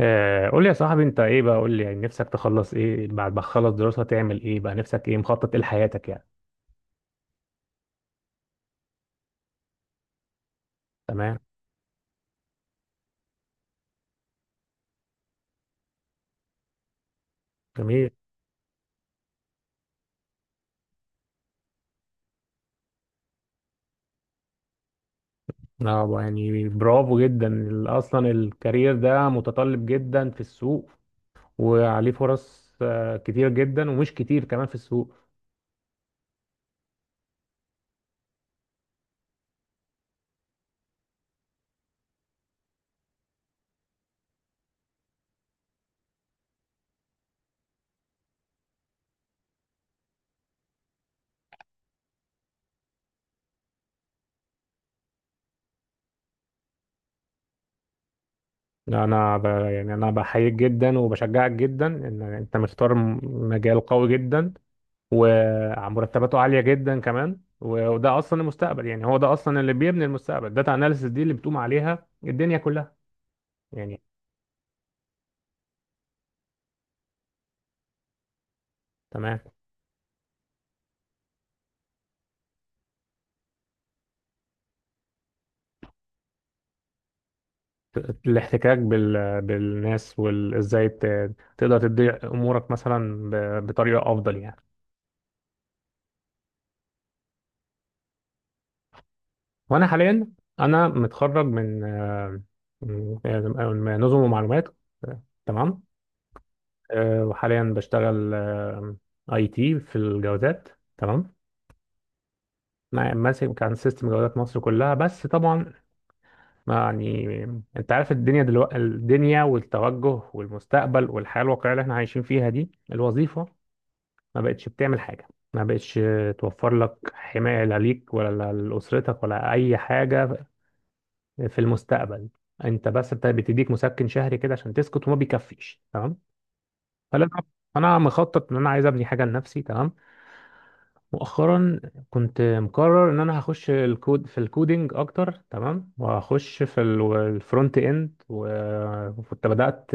قول لي يا صاحبي انت ايه بقى قول لي يعني نفسك تخلص ايه بعد ما تخلص دراسة تعمل ايه بقى نفسك ايه مخطط ايه لحياتك يعني. تمام. جميل. اه بقى يعني برافو جدا، اصلا الكارير ده متطلب جدا في السوق، وعليه فرص كتير جدا ومش كتير كمان في السوق. يعني انا بحييك جدا وبشجعك جدا ان انت مختار مجال قوي جدا، ومرتباته عالية جدا كمان، وده أصلا المستقبل، يعني هو ده أصلا اللي بيبني المستقبل. داتا أناليسيس دي اللي بتقوم عليها الدنيا كلها يعني. تمام. الاحتكاك بالناس، وإزاي تقدر تدي أمورك مثلا بطريقة أفضل يعني. وأنا حاليا أنا متخرج من من- من نظم ومعلومات. تمام. وحاليا بشتغل اي تي في الجوازات. تمام. ماسك كان سيستم جوازات مصر كلها، بس طبعا يعني انت عارف الدنيا دلوقتي، الدنيا والتوجه والمستقبل والحياة الواقعية اللي احنا عايشين فيها دي، الوظيفة ما بقتش بتعمل حاجة، ما بقتش توفر لك حماية، لا ليك ولا لأسرتك ولا أي حاجة في المستقبل. انت بس بتديك مسكن شهري كده عشان تسكت، وما بيكفيش. تمام. فلا، انا مخطط ان انا عايز ابني حاجة لنفسي. تمام. مؤخرا كنت مقرر ان انا هخش الكود، في الكودينج اكتر. تمام. وهخش في الفرونت اند، وكنت بدات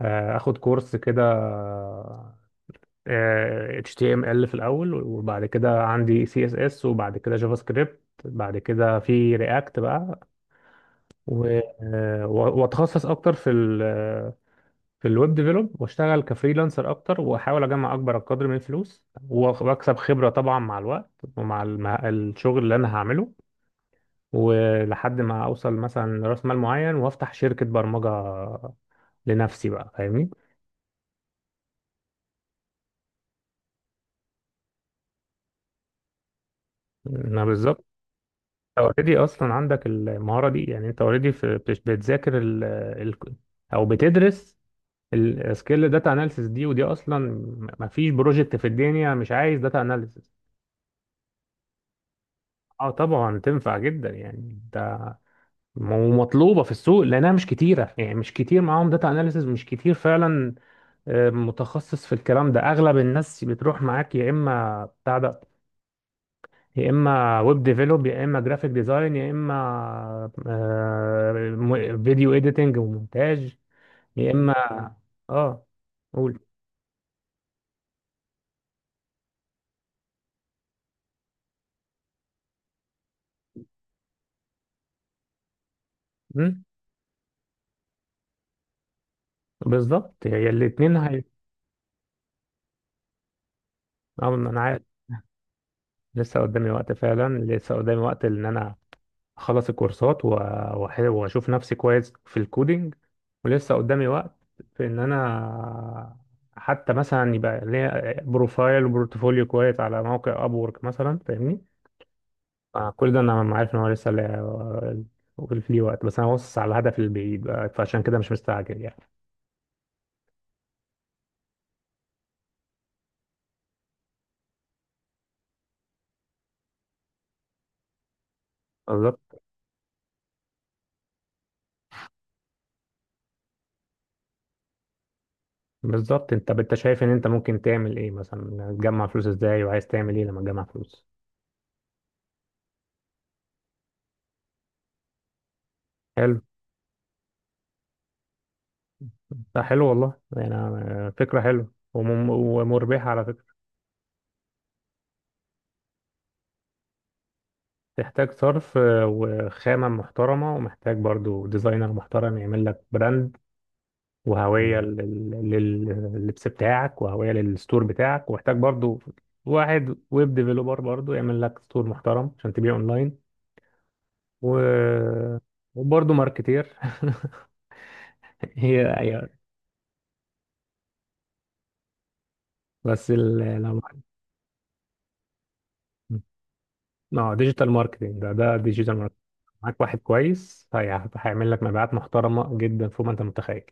اخد كورس كده HTML في الاول، وبعد كده عندي CSS، وبعد كده جافا سكريبت، بعد كده في رياكت بقى. واتخصص اكتر في في الويب ديفلوب، واشتغل كفريلانسر اكتر، واحاول اجمع اكبر قدر من الفلوس، واكسب خبره طبعا مع الوقت، ومع الشغل اللي انا هعمله، ولحد ما اوصل مثلا راس مال معين وافتح شركه برمجه لنفسي بقى، فاهمني. انا بالظبط. انت اوريدي اصلا عندك المهاره دي، يعني انت اوريدي بتذاكر ال ال او بتدرس السكيل، داتا اناليسيس دي، ودي اصلا ما فيش بروجكت في الدنيا مش عايز داتا اناليسيس. اه طبعا تنفع جدا يعني ده، ومطلوبه في السوق لانها مش كتيره، يعني مش كتير معاهم داتا اناليسز، مش كتير فعلا متخصص في الكلام ده. اغلب الناس بتروح معاك يا اما بتاع ده، يا اما ويب ديفلوب، يا اما جرافيك ديزاين، يا اما فيديو اديتنج ومونتاج، يا اما. اه، قول. مم، بالظبط، هي الاتنين هي. اه ما انا عارف. لسه قدامي وقت فعلا، لسه قدامي وقت ان انا اخلص الكورسات و واشوف نفسي كويس في الكودينج، ولسه قدامي وقت في ان انا حتى مثلا يبقى ليا بروفايل وبورتفوليو كويس على موقع ابورك مثلا، فاهمني. كل ده انا ما عارف ان هو لسه ليه وقت، بس انا باصص على الهدف البعيد بقى، فعشان كده مش مستعجل يعني. بالظبط. بالظبط، انت انت شايف ان انت ممكن تعمل ايه مثلا؟ تجمع فلوس ازاي، وعايز تعمل ايه لما تجمع فلوس؟ حلو. ده حلو والله يعني، فكرة حلوة ومربحة على فكرة. تحتاج صرف وخامة محترمة، ومحتاج برضو ديزاينر محترم يعمل لك براند وهوية لللبس بتاعك، وهوية للستور بتاعك، ومحتاج برضو واحد ويب ديفلوبر برضو يعمل لك ستور محترم عشان تبيع اونلاين. و... وبرضو ماركتير. هي. بس ال... لو اه، ديجيتال ماركتنج ده ديجيتال ماركتنج، معاك واحد كويس هيعمل لك مبيعات محترمة جدا فوق ما انت متخيل.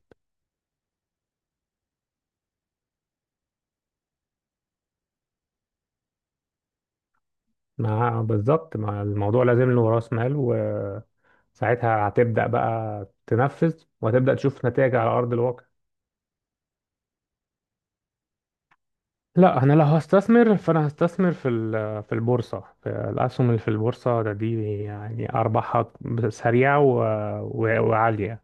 ما بالظبط، ما الموضوع لازم له راس مال، وساعتها هتبدأ بقى تنفذ، وهتبدأ تشوف نتائج على أرض الواقع. لا، انا لو هستثمر فانا هستثمر في في البورصه، في الاسهم اللي في البورصه ده، دي يعني ارباحها سريعه وعاليه.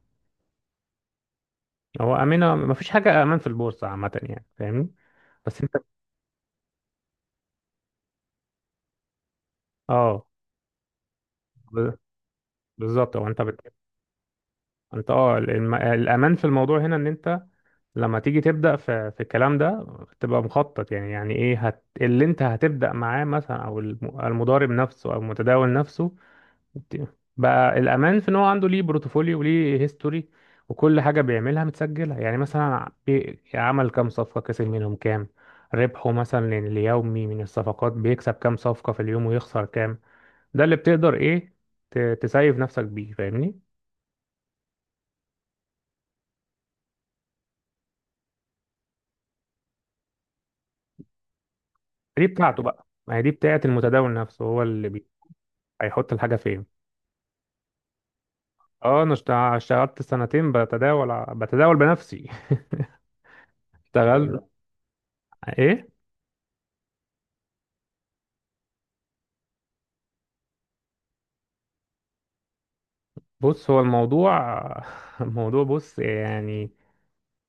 هو امنه؟ ما فيش حاجه امان في البورصه عامه يعني، فاهمني. بس انت. اه. ب- بالظبط، هو انت انت اه الامان في الموضوع هنا، ان انت لما تيجي تبدا في في الكلام ده تبقى مخطط، يعني يعني ايه اللي انت هتبدا معاه مثلا؟ او المضارب نفسه او المتداول نفسه ت- بقى الامان في ان هو عنده ليه بروتوفوليو، وليه هيستوري، وكل حاجه بيعملها متسجله، يعني مثلا عمل كام صفقه، كسب منهم كام، ربحه مثلا اليومي من الصفقات، بيكسب كام صفقه في اليوم ويخسر كام. ده اللي بتقدر ايه تسيف نفسك بيه، فاهمني. دي بتاعته بقى، ما هي دي بتاعت المتداول نفسه، هو اللي هيحط الحاجة فين. اه، انا اشتغلت سنتين بتداول، بتداول بنفسي. اشتغلت ايه. بص هو الموضوع، الموضوع بص يعني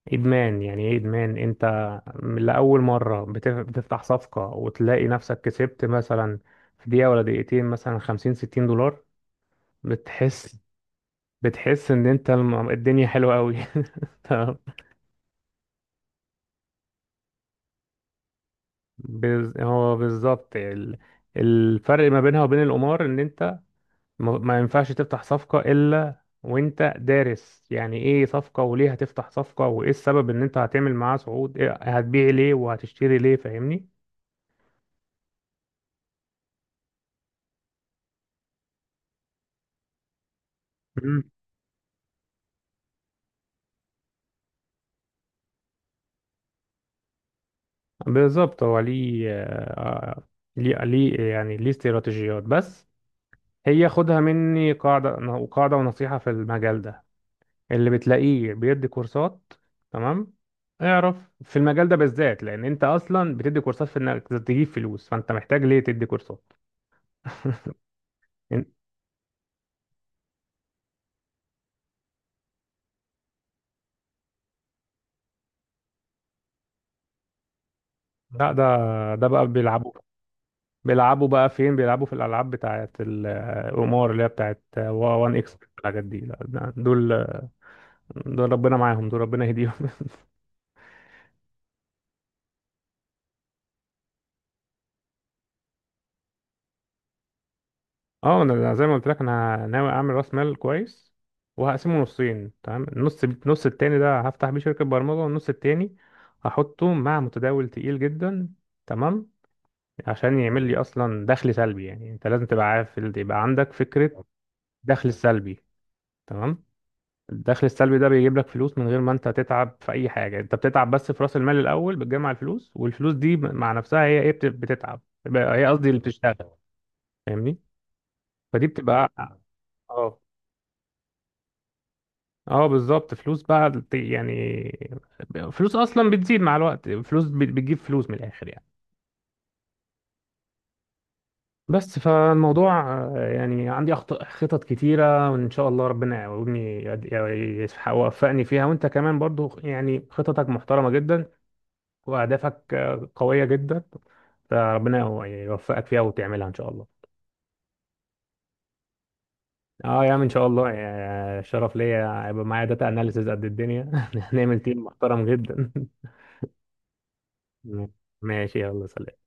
ادمان. يعني ايه ادمان؟ انت من لأول مرة بتفتح صفقة وتلاقي نفسك كسبت مثلا في دقيقة ولا دقيقتين مثلا خمسين ستين دولار، بتحس. بتحس ان انت الدنيا حلوة قوي. هو بالظبط الفرق ما بينها وبين القمار ان انت ما ينفعش تفتح صفقة الا وانت دارس، يعني ايه صفقة، وليه هتفتح صفقة، وايه السبب ان انت هتعمل معاه صعود، إيه هتبيع ليه وهتشتري ليه، فاهمني. مم. بالظبط، هو ليه ليه يعني ليه استراتيجيات بس. هي خدها مني قاعدة، قاعدة ونصيحة في المجال ده. اللي بتلاقيه بيدي كورسات، تمام، اعرف، في المجال ده بالذات، لان انت اصلا بتدي كورسات في انك تجيب فلوس، فانت محتاج ليه تدي كورسات؟ إن- لا ده، ده بقى بيلعبوا بقى فين؟ بيلعبوا في الالعاب بتاعت القمار، اللي هي بتاعت وان اكس والحاجات دي. لا دول، دول ربنا معاهم، دول ربنا يهديهم. اه، انا زي ما قلت لك انا ناوي اعمل راس مال كويس، وهقسمه نصين. تمام. النص التاني ده هفتح بيه شركة برمجة، والنص التاني هحطه مع متداول تقيل جدا. تمام. عشان يعمل لي اصلا دخل سلبي. يعني انت لازم تبقى عارف، يبقى عندك فكرة، دخل سلبي. تمام. الدخل السلبي ده بيجيب لك فلوس من غير ما انت تتعب في اي حاجة، انت بتتعب بس في راس المال الاول بتجمع الفلوس، والفلوس دي مع نفسها هي ايه بتتعب، هي قصدي اللي بتشتغل، فاهمني. فدي بتبقى. اه. اه بالظبط، فلوس بقى يعني فلوس اصلا بتزيد مع الوقت، فلوس بتجيب فلوس، من الاخر يعني. بس فالموضوع يعني عندي خطط كتيرة، وإن شاء الله ربنا يعاوني يوفقني فيها. وأنت كمان برضو يعني خططك محترمة جدا، وأهدافك قوية جدا، فربنا يوفقك فيها وتعملها إن شاء الله. اه يا عم ان شاء الله، شرف ليا هيبقى معايا داتا اناليسز قد الدنيا. هنعمل تيم محترم جدا. ماشي يلا سلام.